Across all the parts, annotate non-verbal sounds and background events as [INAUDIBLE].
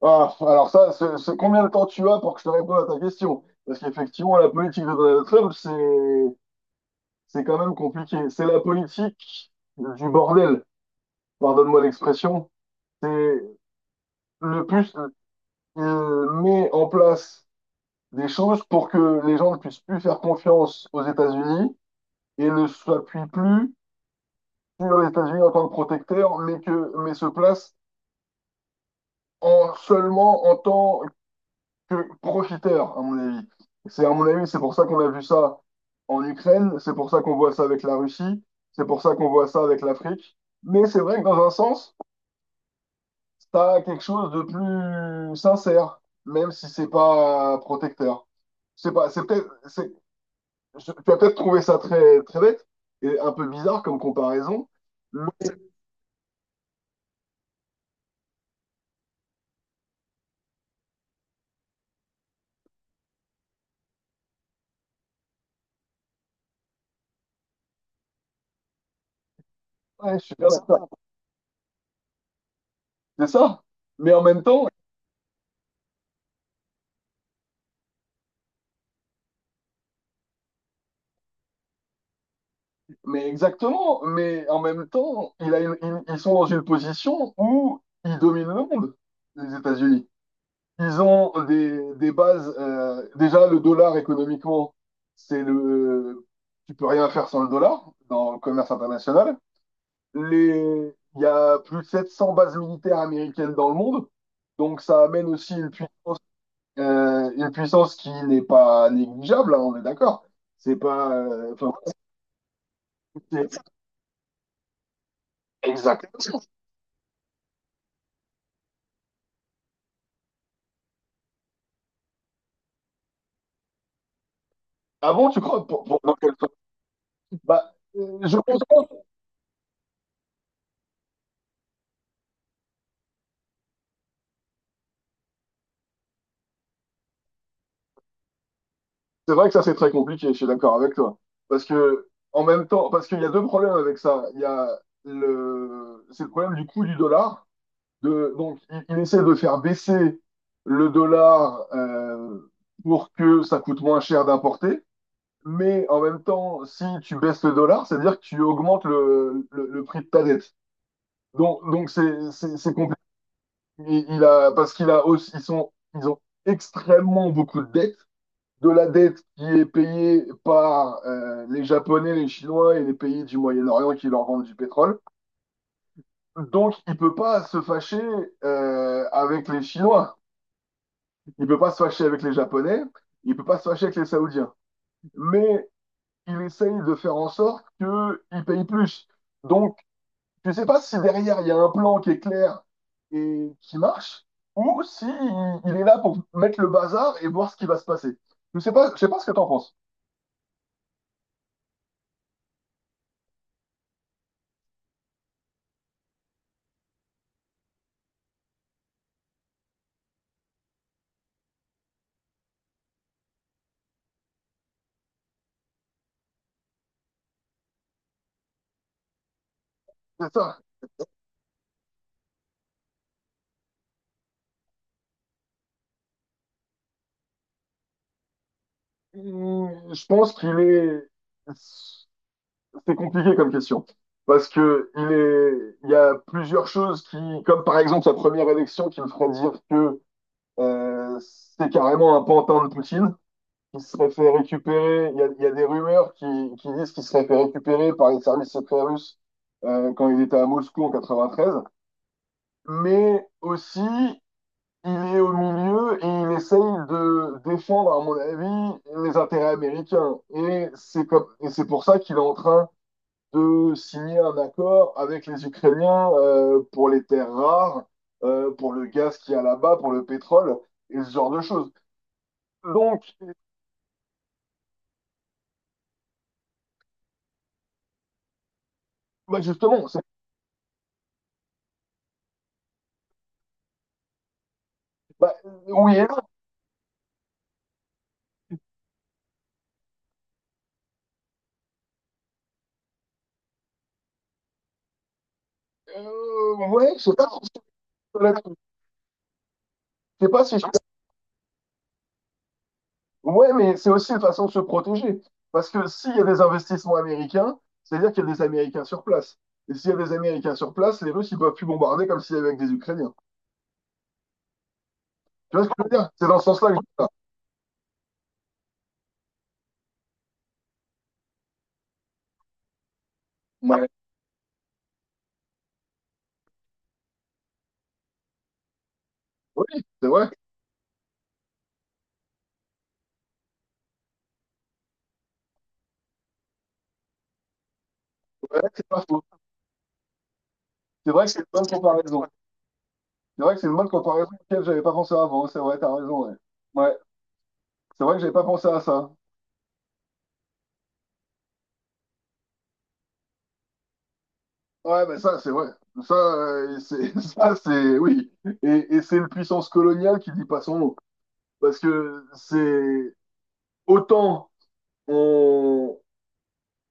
Ah, alors ça, c'est combien de temps tu as pour que je te réponde à ta question? Parce qu'effectivement, la politique de Donald Trump, c'est quand même compliqué. C'est la politique du bordel, pardonne-moi l'expression. C'est le plus Il met en place des choses pour que les gens ne puissent plus faire confiance aux États-Unis et ne s'appuient plus sur les États-Unis en tant que protecteur, mais que mais se placent en seulement en tant que profiteur, à mon avis. À mon avis, c'est pour ça qu'on a vu ça en Ukraine, c'est pour ça qu'on voit ça avec la Russie, c'est pour ça qu'on voit ça avec l'Afrique. Mais c'est vrai que dans un sens, ça a quelque chose de plus sincère, même si c'est pas protecteur. Je sais pas, c'est peut-être, tu vas peut-être trouver ça très, très bête et un peu bizarre comme comparaison. Mais ouais, je suis bien d'accord. C'est ça. Mais en même temps, Mais exactement, mais en même temps, il a une- ils sont dans une position où ils dominent le monde, les États-Unis. Ils ont des bases. Déjà, le dollar économiquement, c'est le. Tu peux rien faire sans le dollar dans le commerce international. Il y a plus de 700 bases militaires américaines dans le monde, donc ça amène aussi une puissance qui n'est pas négligeable, hein, on est d'accord. C'est pas. Enfin, c'est- exactement. Ah bon, tu crois? Pour quelle fois je pense que c'est vrai que ça, c'est très compliqué, je suis d'accord avec toi. Parce que, en même temps, parce qu'il y a deux problèmes avec ça. Il y a le, C'est le problème du coût du dollar. Donc, il essaie de faire baisser le dollar, pour que ça coûte moins cher d'importer. Mais en même temps, si tu baisses le dollar, c'est-à-dire que tu augmentes le prix de ta dette. Donc, c'est compliqué. Parce qu'il a aussi, ils ont extrêmement beaucoup de dettes. De la dette qui est payée par, les Japonais, les Chinois et les pays du Moyen-Orient qui leur vendent du pétrole. Donc, il peut pas se fâcher, avec les Chinois. Il peut pas se fâcher avec les Japonais. Il peut pas se fâcher avec les Saoudiens. Mais il essaye de faire en sorte qu'ils payent plus. Donc, je sais pas si derrière, il y a un plan qui est clair et qui marche, ou si il est là pour mettre le bazar et voir ce qui va se passer. Je sais pas ce que t'en penses. C'est ça. Je pense qu'il est, c'est compliqué comme question. Parce que il y a plusieurs choses qui, comme par exemple sa première élection qui me ferait dire que, euh, c'est carrément un pantin de Poutine, qui serait fait récupérer. Il y a des rumeurs qui disent qu'il serait fait récupérer par les services secrets russes, quand il était à Moscou en 93. Mais aussi, il est au milieu et il essaye de défendre, à mon avis, les intérêts américains. Et c'est pour ça qu'il est en train de signer un accord avec les Ukrainiens, pour les terres rares, pour le gaz qu'il y a là-bas, pour le pétrole et ce genre de choses. Donc, bah justement, bah, oui et non. Ouais, je sais pas si je je. Ouais, mais c'est aussi une façon de se protéger. Parce que s'il y a des investissements américains, c'est-à-dire qu'il y a des Américains sur place. Et s'il y a des Américains sur place, les Russes, ils peuvent plus bombarder comme s'il y avait avec des Ukrainiens. Tu vois ce que je veux dire? C'est dans ce sens-là que je dis ça. Ouais. Oui, c'est vrai. C'est vrai que c'est pas faux. C'est vrai que c'est une bonne comparaison. C'est vrai que c'est une bonne comparaison auquel j'avais pas pensé avant. C'est vrai, t'as raison, ouais. Ouais. C'est vrai que j'avais pas pensé à ça. Ouais, mais ça, c'est vrai. Ça, c'est, [LAUGHS] ça, c'est, oui. Et c'est une puissance coloniale qui dit pas son nom. Parce que c'est autant on,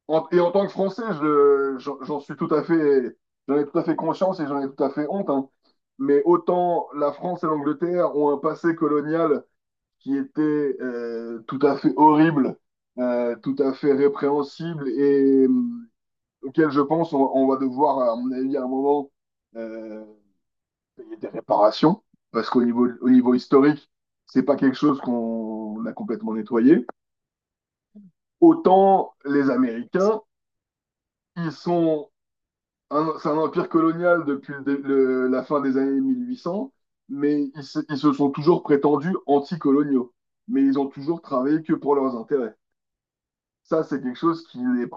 et en tant que Français, j'en suis tout à fait, j'en ai tout à fait conscience et j'en ai tout à fait honte, hein. Mais autant la France et l'Angleterre ont un passé colonial qui était, tout à fait horrible, tout à fait répréhensible et auquel je pense, on va devoir, à mon avis, à un moment, euh, payer des réparations, parce qu'au niveau, historique, c'est pas quelque chose qu'on a complètement nettoyé. Autant les Américains, ils sont, c'est un empire colonial depuis la fin des années 1800, mais ils se sont toujours prétendus anticoloniaux. Mais ils ont toujours travaillé que pour leurs intérêts. Ça, c'est quelque chose qui les...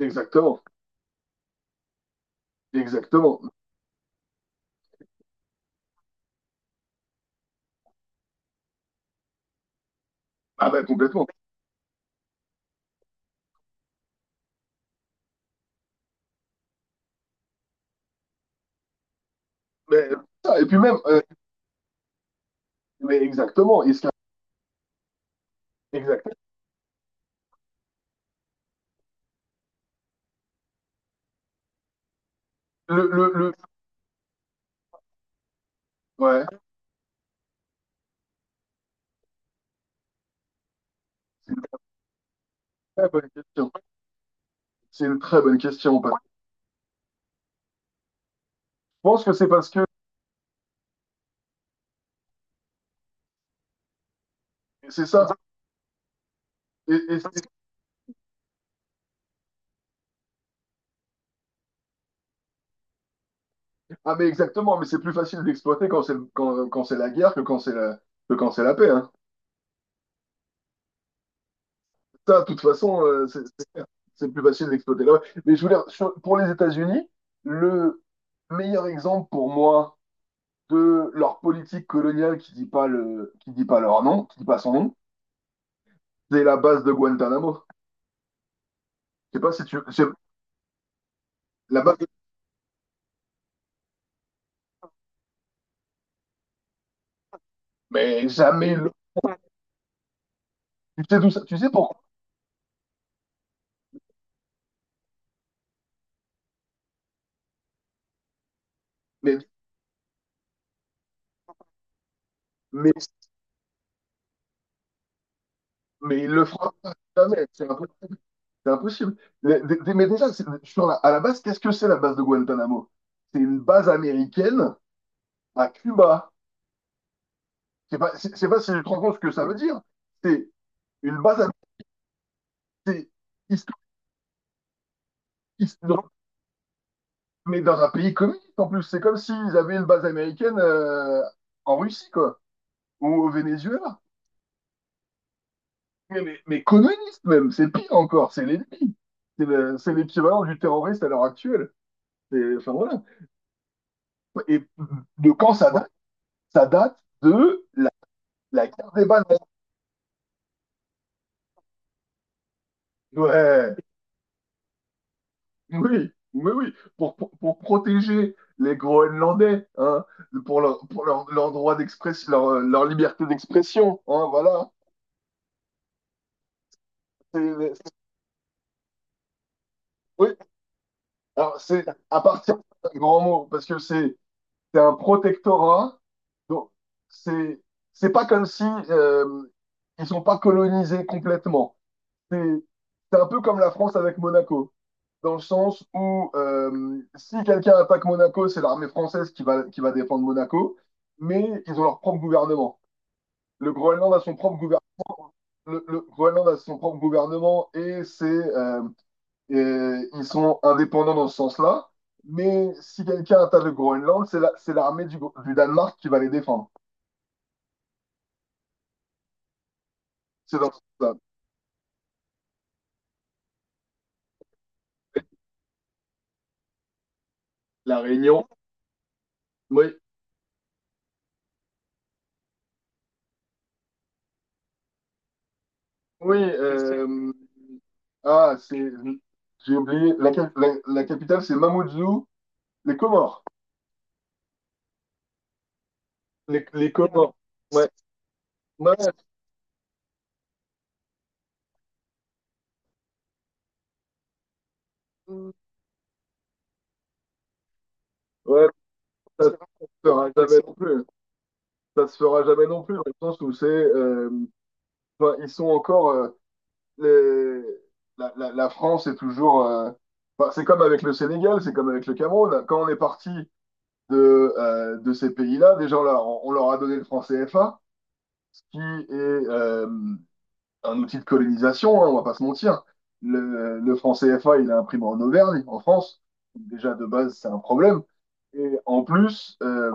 Exactement, exactement. Ah ben complètement. Mais, et puis même, mais exactement, et exact. Le, le, le- ouais. c'est Très bonne question. C'est une très bonne question. Parce Je pense que c'est parce que c'est ça. Et, et c'est- ah mais exactement, mais c'est plus facile d'exploiter quand c'est quand c'est la guerre que quand c'est la que quand c'est la paix, hein. Ça, de toute façon, c'est plus facile d'exploiter là. Mais je voulais pour les États-Unis, le meilleur exemple pour moi de leur politique coloniale qui dit pas son nom, c'est la base de Guantanamo. Je sais pas si tu je- la base de- mais jamais le- Tu sais pourquoi? Mais mais Mais il le fera pas, jamais, c'est impossible. C'est impossible. Mais mais déjà, à la base, qu'est-ce que c'est la base de Guantanamo? C'est une base américaine à Cuba. C'est pas si je te rends compte ce que ça veut dire. C'est une base américaine mais dans un pays communiste en plus. C'est comme s'ils avaient une base américaine, en Russie, quoi, ou au Venezuela. Mais communiste même, c'est pire encore, c'est l'ennemi. C'est l'équivalent du terroriste à l'heure actuelle. C'est, enfin voilà. Et de quand ça date? Ça date de la guerre des bananes. Ouais, oui, oui, oui. Pour protéger les Groenlandais, hein, pour leur droit d'expression, leur liberté d'expression, hein, voilà. C'est- c'est- oui, alors c'est à partir d'un grand mot, parce que c'est un protectorat, donc c'est c'est pas comme si, euh, ils sont pas colonisés complètement. C'est c'est un peu comme la France avec Monaco, dans le sens où, si quelqu'un attaque Monaco, c'est l'armée française qui va, défendre Monaco, mais ils ont leur propre gouvernement. Le Groenland a son propre gouvernement. Le Groenland a son propre gouvernement et c'est et ils sont indépendants dans ce sens-là. Mais si quelqu'un attaque le Groenland, c'est l'armée du Danemark qui va les défendre. C'est dans ce sens-là. La Réunion. Oui, oui. Ah, c'est j'ai oublié. La capitale, c'est Mamoudzou, les Comores. Les communs. Ouais, ouais, ouais, ça se fera jamais non plus. Ça se fera jamais non plus, dans le sens où c'est. Enfin, ils sont encore. Les- la France est toujours. Enfin, c'est comme avec le Sénégal, c'est comme avec le Cameroun. Quand on est parti de ces pays-là, déjà, on leur a donné le franc CFA, ce qui est. euh, un outil de colonisation, hein, on va pas se mentir. Le franc CFA, il est imprimé en Auvergne, en France. Donc, déjà, de base, c'est un problème. Et en plus,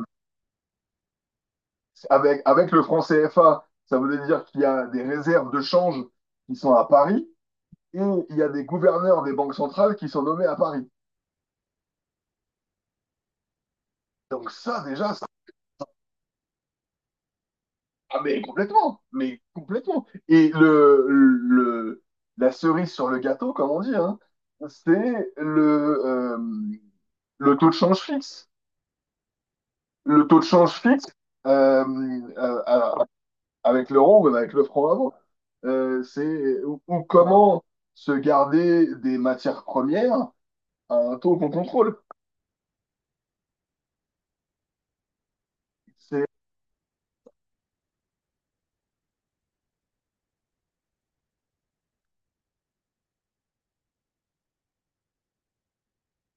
avec le franc CFA, ça veut dire qu'il y a des réserves de change qui sont à Paris et il y a des gouverneurs des banques centrales qui sont nommés à Paris. Donc ça, déjà, ça... Ah, mais complètement, mais complètement. Et la cerise sur le gâteau, comme on dit, hein, c'est le taux de change fixe. Le taux de change fixe, euh, euh, euh, avec l'euro ou avec le franc avant. C'est Ou comment se garder des matières premières à un taux qu'on contrôle. C'est,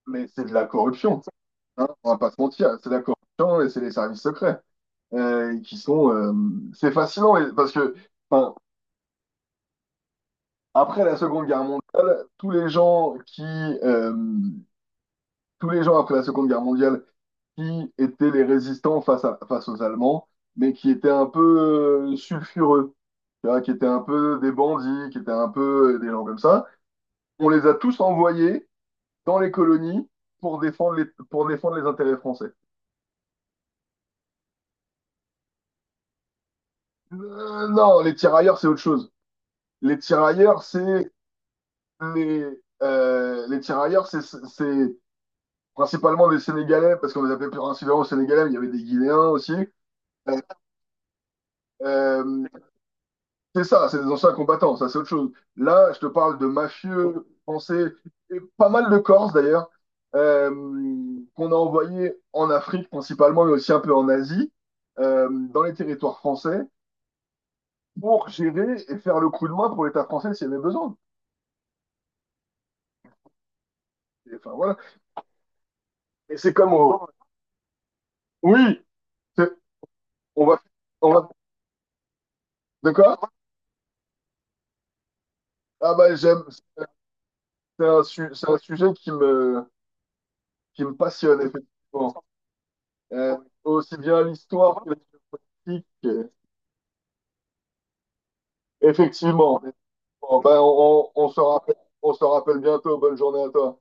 mais c'est de la corruption, hein, on va pas se mentir. C'est de la corruption et c'est les services secrets, qui sont. C'est fascinant parce que, enfin, après la Seconde Guerre mondiale, tous les gens après la Seconde Guerre mondiale qui étaient les résistants face aux Allemands, mais qui étaient un peu, sulfureux, tu vois, qui étaient un peu des bandits, qui étaient un peu, des gens comme ça. On les a tous envoyés dans les colonies pour défendre les intérêts français. Non, les tirailleurs, c'est autre chose. Les tirailleurs, c'est les, les tirailleurs, c'est- principalement des Sénégalais, parce qu'on les appelait principalement Sénégalais, mais il y avait des Guinéens aussi. Euh, euh, C'est ça, c'est des anciens combattants, ça c'est autre chose. Là, je te parle de mafieux français, et pas mal de Corses d'ailleurs, euh, qu'on a envoyés en Afrique principalement, mais aussi un peu en Asie, dans les territoires français, pour gérer et faire le coup de main pour l'État français s'il y avait besoin. Et, enfin, voilà. et c'est comme au- Oui, c'est- on va... on va. De quoi? Ah bah j'aime, c'est un, c'est un sujet qui me, passionne effectivement. Euh, Aussi bien l'histoire que la politique. Effectivement. Bon, ben, on se rappelle bientôt. Bonne journée à toi.